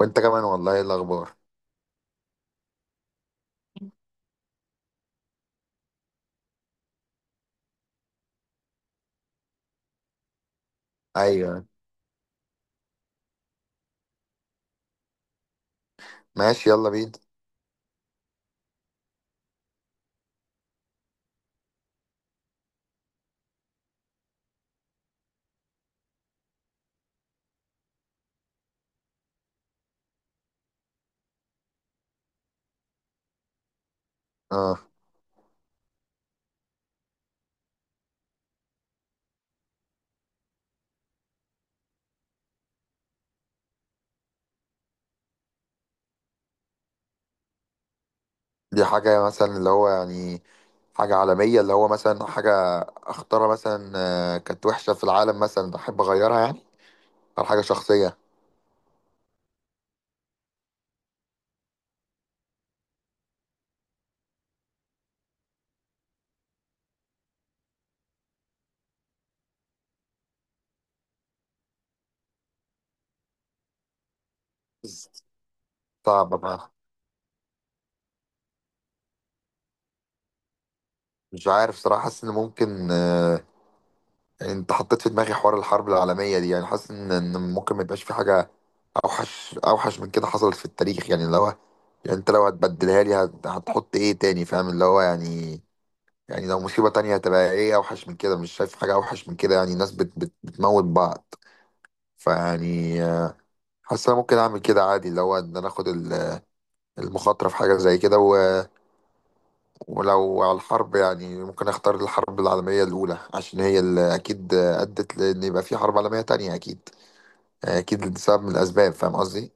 وانت كمان والله، ايه الاخبار؟ ايوه، ماشي يلا بينا. اه، دي حاجه مثلا اللي هو يعني حاجه عالميه اللي هو مثلا حاجه اختارها مثلا. كانت وحشه في العالم مثلا احب اغيرها يعني، او حاجه شخصيه. صعبه بقى، مش عارف صراحه. حاسس ان ممكن، انت حطيت في دماغي حوار الحرب العالميه دي. يعني حاسس ان ممكن ما يبقاش في حاجه اوحش اوحش من كده حصلت في التاريخ. يعني اللي هو يعني، انت لو هتبدلها لي هتحط ايه تاني؟ فاهم اللي هو يعني. يعني لو مصيبة تانية هتبقى ايه اوحش من كده؟ مش شايف حاجة اوحش من كده، يعني الناس بت بت بتموت بعض. فيعني حاسس انا ممكن اعمل كده عادي، اللي هو ان انا اخد المخاطرة في حاجة زي كده. ولو على الحرب، يعني ممكن اختار الحرب العالمية الاولى، عشان هي اللي اكيد، ادت لان يبقى في حرب عالمية تانية اكيد. اكيد سبب من الاسباب، فاهم قصدي؟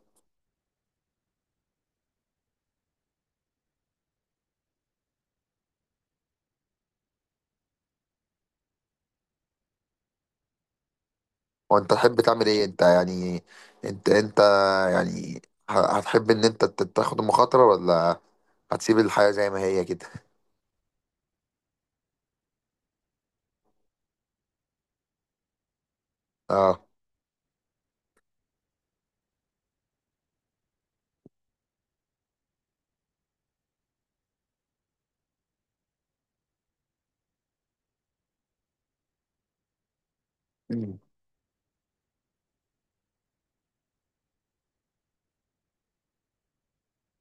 وانت تحب تعمل ايه انت يعني؟ انت يعني، هتحب ان انت تاخد المخاطرة، ولا هتسيب الحياة زي ما هي كده؟ اه.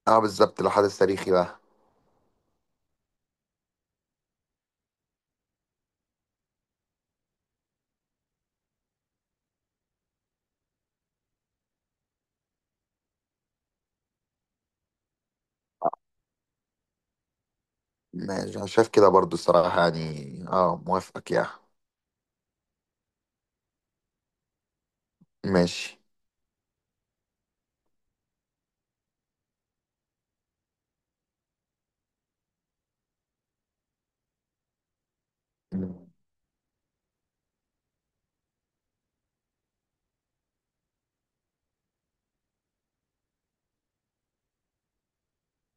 اه بالظبط، لو حدث تاريخي بقى. ماشي، انا شايف كده برضو الصراحة، يعني اه موافقك يعني. ماشي. مم.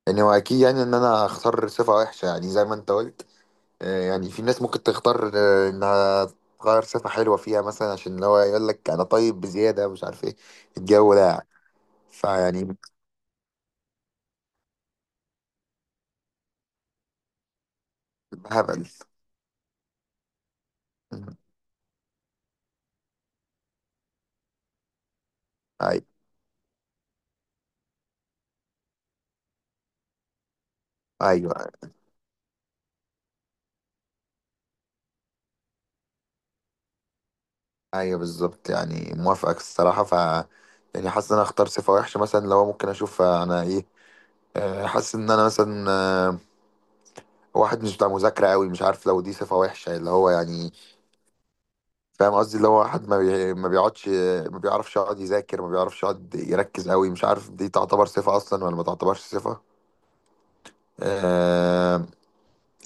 يعني هو اكيد يعني ان انا اختار صفة وحشة، يعني زي ما انت قلت. يعني في ناس ممكن تختار انها تغير صفة حلوة فيها مثلا، عشان اللي هو يقول لك انا طيب بزيادة مش عارف ايه الجو ده يعني. فيعني. هبل. مم. ايوه. ايوه. ايوه بالظبط، يعني موافقك الصراحة. ف يعني حاسس ان انا اختار صفة وحشة مثلا، لو ممكن اشوف انا ايه. حاسس ان انا مثلا، واحد مش بتاع مذاكرة قوي. مش عارف لو دي صفة وحشة، اللي هو يعني. فاهم قصدي، اللي هو واحد ما بي... ما بيقعدش، ما بيعرفش يقعد يذاكر، ما بيعرفش يقعد يركز قوي. مش عارف دي تعتبر صفة أصلا ولا ما تعتبرش صفة. آه...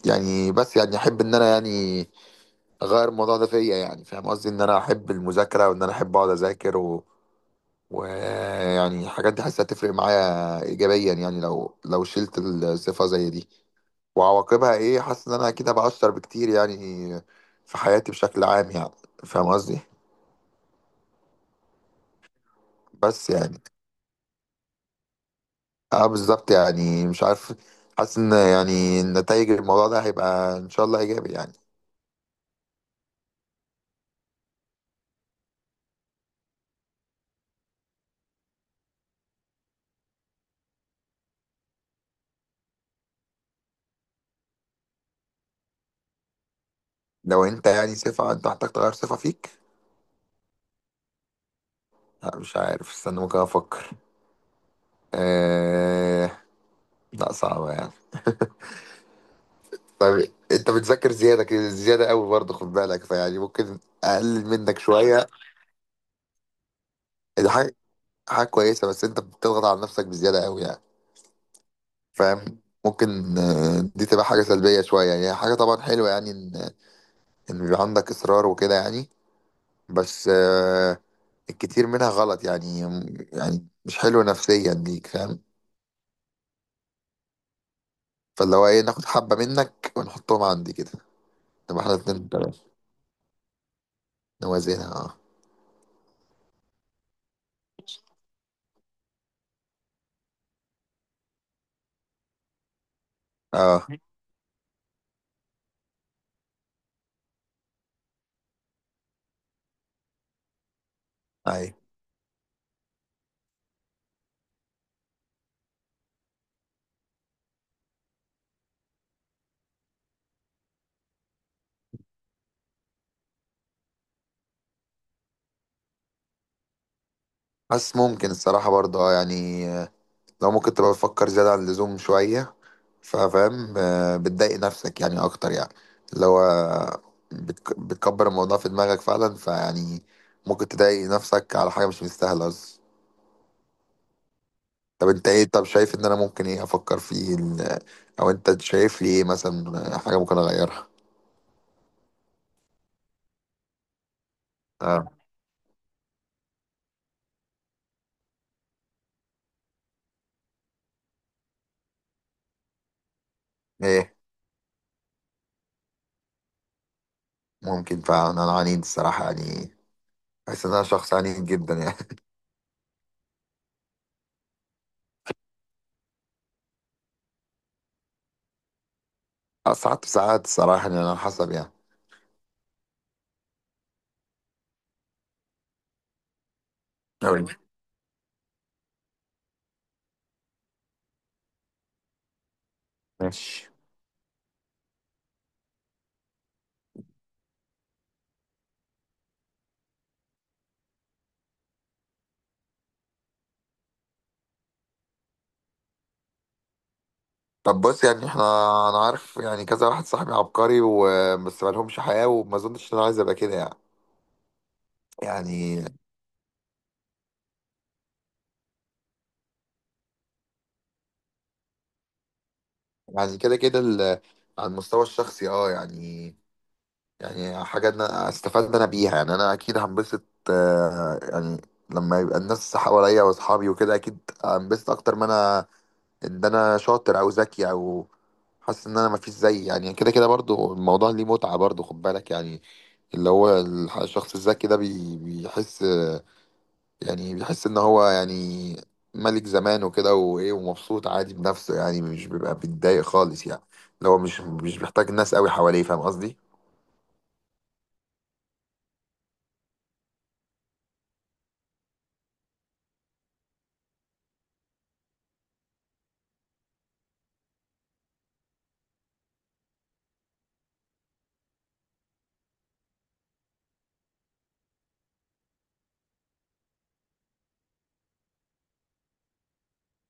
يعني بس يعني أحب إن أنا يعني أغير الموضوع ده فيا. يعني فاهم قصدي، إن أنا أحب المذاكرة وإن أنا أحب أقعد أذاكر و... ويعني الحاجات دي حاسة تفرق معايا إيجابيا يعني، لو شلت الصفة زي دي. وعواقبها ايه؟ حاسس ان انا اكيد هبقى اشطر بكتير يعني في حياتي بشكل عام يعني. فاهم قصدي؟ بس يعني اه بالظبط يعني مش عارف. حاسس ان يعني نتائج الموضوع ده هيبقى ان شاء الله ايجابي يعني. لو انت يعني صفة انت محتاج تغير صفة فيك. لا مش عارف، استنى ممكن افكر. آه... لا صعبة يعني. طيب، انت بتذاكر زيادة كده زيادة قوي برضه، خد بالك. فيعني ممكن اقلل منك شوية. دي حاجة، حاجة كويسة، بس انت بتضغط على نفسك بزيادة قوي يعني. فاهم، ممكن دي تبقى حاجة سلبية شوية يعني. هي حاجة طبعا حلوة يعني، إن بيبقى عندك إصرار وكده يعني. بس الكتير منها غلط يعني، يعني مش حلو نفسيا ليك. فاهم؟ فاللي هو إيه، ناخد حبة منك ونحطهم عندي كده. نبقى إحنا الاتنين نوازنها. أه أه أي بس ممكن الصراحة برضه أه يعني، لو ممكن تبقى بتفكر زيادة عن اللزوم شوية. ففاهم بتضايق نفسك يعني اكتر يعني. اللي هو بتكبر الموضوع في دماغك فعلا. فيعني ممكن تضايق نفسك على حاجه مش مستاهله اصلا. طب انت ايه؟ طب شايف ان انا ممكن ايه افكر فيه او انت شايف لي ايه مثلا حاجه ممكن اغيرها؟ اه، ايه؟ ممكن فعلا انا عنيد الصراحه يعني، بحس ان انا شخص عنيد جدا يعني. ساعات ساعات الصراحه يعني، على حسب يعني. أوي. ماشي. طب بص يعني احنا، انا عارف يعني كذا واحد صاحبي عبقري وبس ما لهمش حياة، وما اظنش ان انا عايز ابقى كده يعني. يعني. يعني كده كده على المستوى الشخصي اه يعني. يعني حاجة انا استفدت انا بيها يعني، انا اكيد هنبسط. يعني لما يبقى الناس حواليا واصحابي وكده اكيد هنبسط اكتر ما انا ان انا شاطر او ذكي او. حاسس ان انا مفيش زي يعني، كده كده برضو الموضوع ليه متعة برضو خد بالك يعني. اللي هو الشخص الذكي ده بيحس، يعني بيحس ان هو يعني ملك زمان وكده وايه، ومبسوط عادي بنفسه يعني، مش بيبقى بيتضايق خالص يعني. اللي هو مش بيحتاج ناس قوي حواليه، فاهم قصدي؟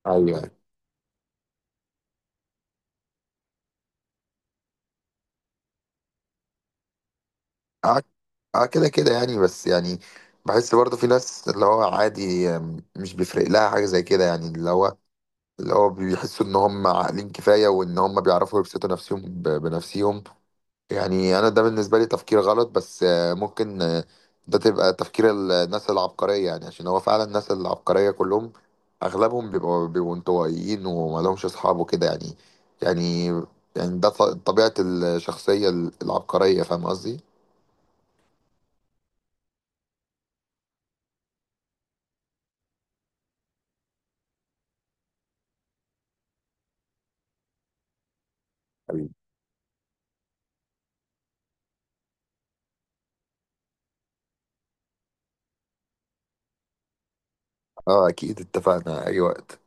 ايوه. اه. آه كده كده يعني، بس يعني بحس برضه في ناس اللي هو عادي مش بيفرق لها حاجة زي كده يعني. اللي هو بيحسوا ان هم عاقلين كفاية، وان هم بيعرفوا يبسطوا نفسهم بنفسهم. يعني انا ده بالنسبه لي تفكير غلط، بس ممكن ده تبقى تفكير الناس العبقريه يعني. عشان هو فعلا الناس العبقريه كلهم، اغلبهم بيبقوا انطوائيين وما لهمش اصحاب وكده يعني. يعني، يعني ده طبيعه الشخصيه العبقريه، فاهم قصدي؟ حبيبي، اه اكيد اتفقنا اي وقت.